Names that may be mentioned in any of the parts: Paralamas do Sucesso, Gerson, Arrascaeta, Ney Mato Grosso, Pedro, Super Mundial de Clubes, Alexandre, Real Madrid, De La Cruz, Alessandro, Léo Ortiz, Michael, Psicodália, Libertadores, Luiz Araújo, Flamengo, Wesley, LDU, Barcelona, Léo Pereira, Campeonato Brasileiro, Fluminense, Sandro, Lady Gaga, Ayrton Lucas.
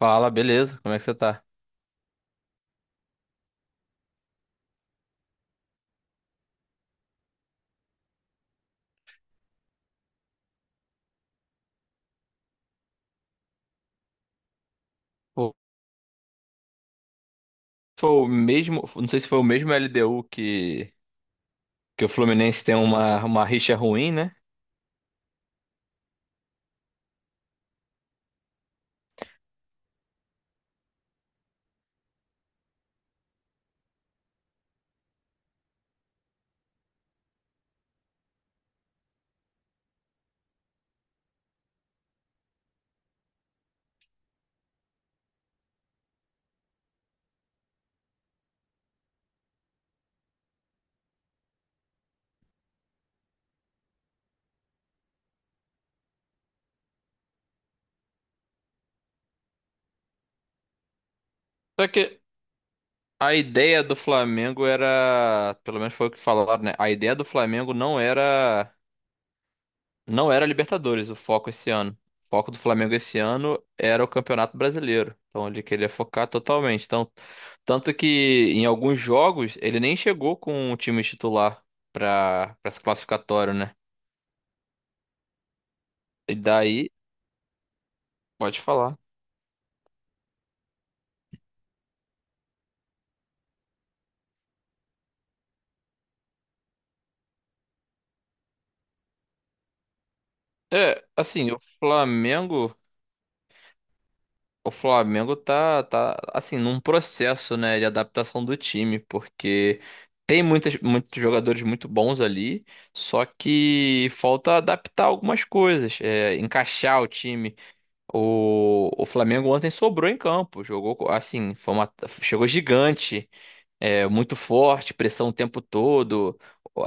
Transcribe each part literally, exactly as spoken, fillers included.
Fala, beleza? Como é que você tá? Pô, foi o mesmo, não sei se foi o mesmo L D U que, que o Fluminense tem uma, uma rixa ruim, né? Só que a ideia do Flamengo era, pelo menos foi o que falaram, né? A ideia do Flamengo não era, não era Libertadores, o foco esse ano. O foco do Flamengo esse ano era o Campeonato Brasileiro. Então ele queria focar totalmente. Então, tanto que em alguns jogos ele nem chegou com o time titular para para esse classificatório, né? E daí, pode falar. É, assim, o Flamengo, o Flamengo tá, tá assim num processo, né, de adaptação do time, porque tem muitas, muitos jogadores muito bons ali, só que falta adaptar algumas coisas, é, encaixar o time. O, o Flamengo ontem sobrou em campo, jogou co- assim, foi uma- chegou gigante, é muito forte, pressão o tempo todo.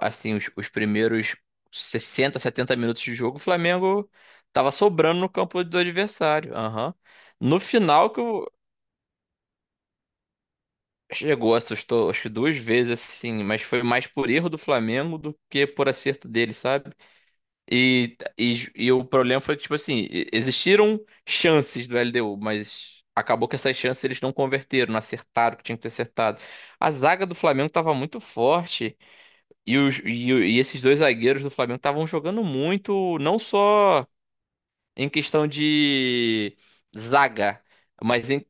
Assim, os, os primeiros sessenta setenta minutos de jogo, o Flamengo tava sobrando no campo do adversário. Aham. No final que eu- chegou, assustou, acho que duas vezes assim, mas foi mais por erro do Flamengo do que por acerto dele, sabe? E, e, e o problema foi que, tipo assim, e- existiram chances do L D U, mas acabou que essas chances eles não converteram, não acertaram o que tinha que ter acertado. A zaga do Flamengo estava muito forte. E, os- e o- e esses dois zagueiros do Flamengo estavam jogando muito, não só em questão de zaga, mas em-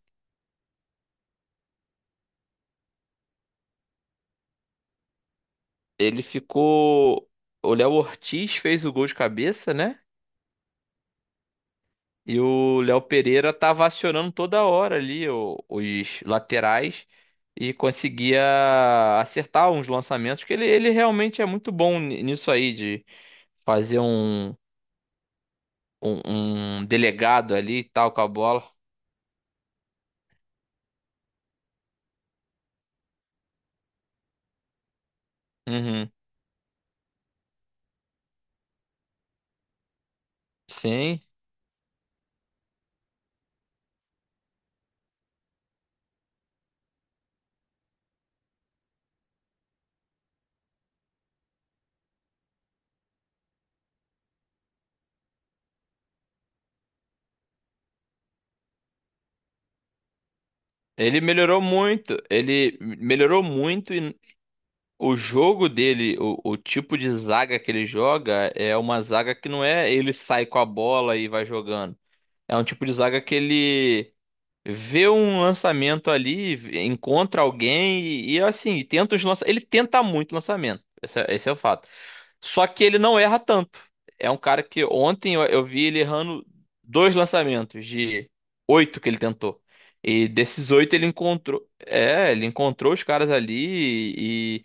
ele ficou. O Léo Ortiz fez o gol de cabeça, né? E o Léo Pereira tava acionando toda hora ali o- os laterais e conseguia acertar uns lançamentos, que ele, ele realmente é muito bom ni- nisso aí, de fazer um, um, um delegado ali e tal com a bola. Uhum. Sim, ele melhorou muito, ele melhorou muito e o jogo dele, o, o tipo de zaga que ele joga é uma zaga que não é ele sai com a bola e vai jogando. É um tipo de zaga que ele vê um lançamento ali, v- encontra alguém e, e, assim, tenta os lança... ele tenta muito lançamento. Esse é, esse é o fato. Só que ele não erra tanto. É um cara que ontem eu, eu vi ele errando dois lançamentos de oito que ele tentou. E desses oito ele encontrou, é, ele encontrou os caras ali e,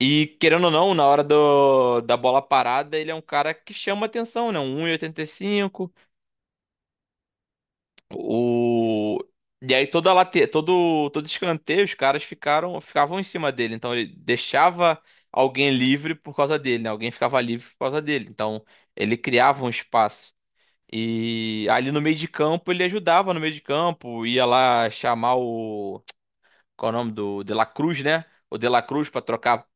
e querendo ou não, na hora do, da bola parada, ele é um cara que chama atenção, né? Um 1,85 o... E aí toda late... todo todo escanteio os caras ficaram ficavam em cima dele, então ele deixava alguém livre por causa dele, né? Alguém ficava livre por causa dele. Então ele criava um espaço. E ali no meio de campo ele ajudava no meio de campo, ia lá chamar o qual é o nome do De La Cruz, né? O De La Cruz para trocar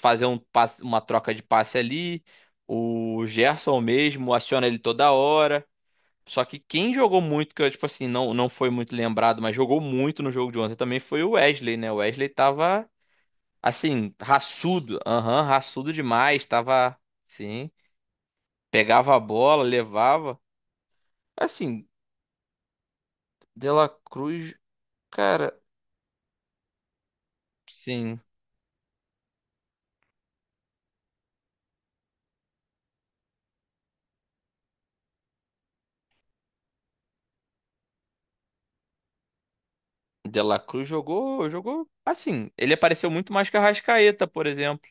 fazer um passe- uma troca de passe ali. O Gerson mesmo aciona ele toda hora. Só que quem jogou muito, que eu, tipo assim, não, não foi muito lembrado, mas jogou muito no jogo de ontem também foi o Wesley, né? O Wesley tava, assim, raçudo. Aham, raçudo demais. Tava, sim. Pegava a bola, levava. Assim, De La Cruz, cara, sim. De La Cruz jogou, jogou, assim, ele apareceu muito mais que a Arrascaeta, por exemplo.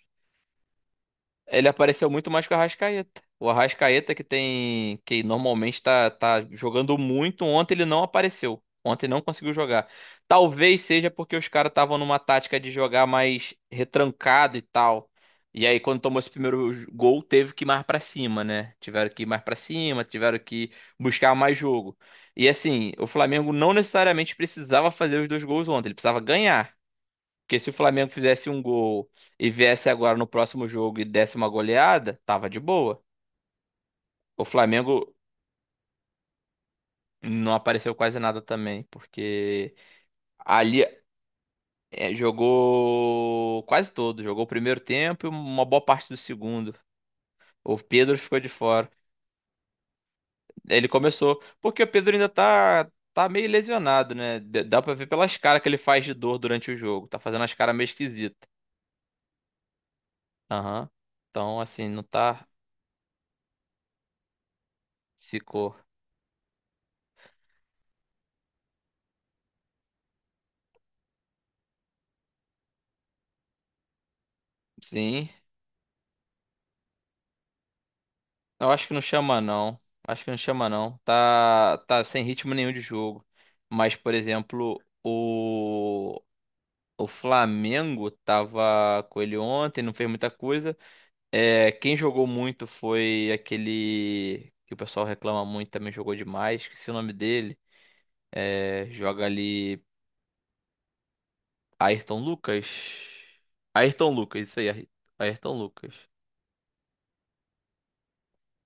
Ele apareceu muito mais que o Arrascaeta. O Arrascaeta que tem, que normalmente tá, tá jogando muito, ontem ele não apareceu. Ontem não conseguiu jogar. Talvez seja porque os caras estavam numa tática de jogar mais retrancado e tal. E aí quando tomou esse primeiro j- gol, teve que ir mais pra cima, né? Tiveram que ir mais pra cima, tiveram que buscar mais jogo. E assim, o Flamengo não necessariamente precisava fazer os dois gols ontem, ele precisava ganhar. Porque se o Flamengo fizesse um gol e viesse agora no próximo jogo e desse uma goleada, tava de boa. O Flamengo não apareceu quase nada também, porque ali eh, jogou quase todo, jogou o primeiro tempo e uma boa parte do segundo. O Pedro ficou de fora. Ele começou, porque o Pedro ainda tá tá meio lesionado, né? D- Dá pra ver pelas caras que ele faz de dor durante o jogo. Tá fazendo as caras meio esquisitas. Aham. Então, assim, não tá. Ficou. Sim. Eu acho que não chama não. Acho que não chama não. Tá, tá sem ritmo nenhum de jogo. Mas, por exemplo, o o Flamengo tava com ele ontem, não fez muita coisa. É, quem jogou muito foi aquele que o pessoal reclama muito, também jogou demais, esqueci o nome dele. É, joga ali Ayrton Lucas. Ayrton Lucas, isso aí, Ay- Ayrton Lucas.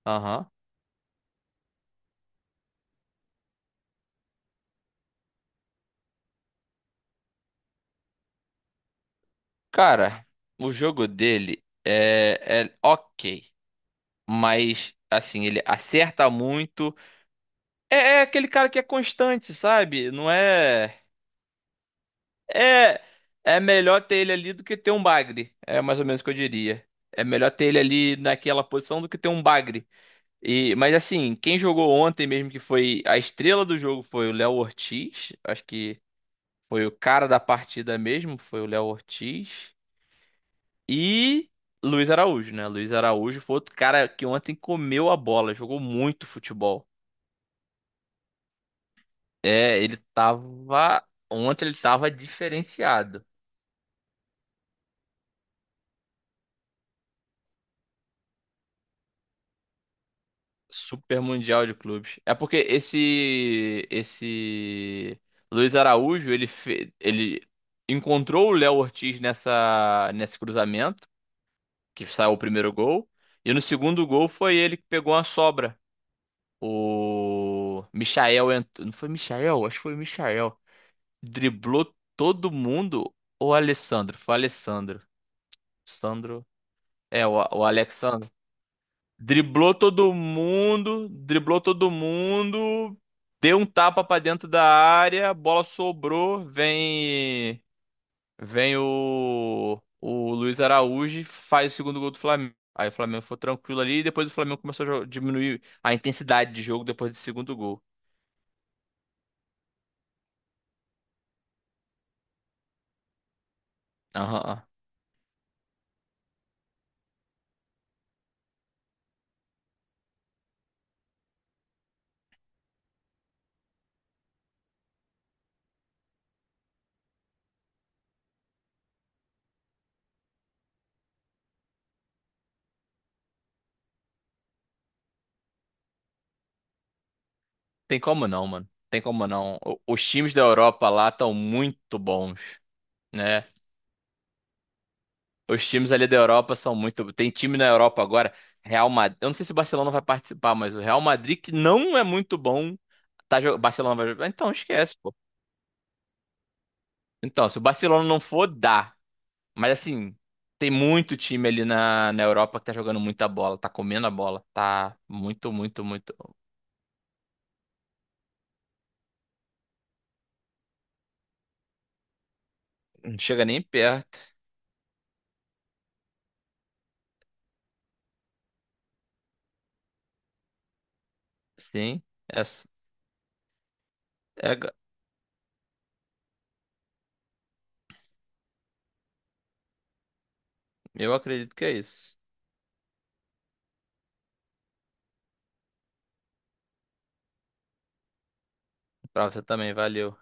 Aham. Cara, o jogo dele é, é ok. Mas assim, ele acerta muito. É, é aquele cara que é constante, sabe? Não é. É. É melhor ter ele ali do que ter um bagre. É mais ou menos o que eu diria. É melhor ter ele ali naquela posição do que ter um bagre. E, mas assim, quem jogou ontem mesmo que foi a estrela do jogo foi o Léo Ortiz. Acho que foi o cara da partida mesmo, foi o Léo Ortiz. E Luiz Araújo, né? Luiz Araújo foi outro cara que ontem comeu a bola, jogou muito futebol. É, ele tava. Ontem ele tava diferenciado. Super Mundial de Clubes. É porque esse. Esse. Luiz Araújo, ele, fe- ele encontrou o Léo Ortiz nessa... nesse cruzamento, que saiu o primeiro gol. E no segundo gol foi ele que pegou uma sobra. O Michael entrou. Não foi Michael? Acho que foi Michael. Driblou todo mundo. Ou Alessandro? Foi Alessandro. Sandro. É, o, o Alexandre. Driblou todo mundo, driblou todo mundo, deu um tapa pra dentro da área, a bola sobrou, vem vem o o Luiz Araújo, e faz o segundo gol do Flamengo. Aí o Flamengo foi tranquilo ali e depois o Flamengo começou a jo- diminuir a intensidade de jogo depois do segundo gol. Aham. Tem como não, mano. Tem como não. O- os times da Europa lá estão muito bons, né? Os times ali da Europa são muito. Tem time na Europa agora, Real Madrid. Eu não sei se o Barcelona vai participar, mas o Real Madrid, que não é muito bom, tá jogando. Barcelona vai jogar. Então, esquece, pô. Então, se o Barcelona não for, dá. Mas assim, tem muito time ali na, na Europa que tá jogando muita bola, tá comendo a bola. Tá muito, muito, muito. Não chega nem perto. Sim, é, é- eu acredito que é isso. Pra você também, valeu.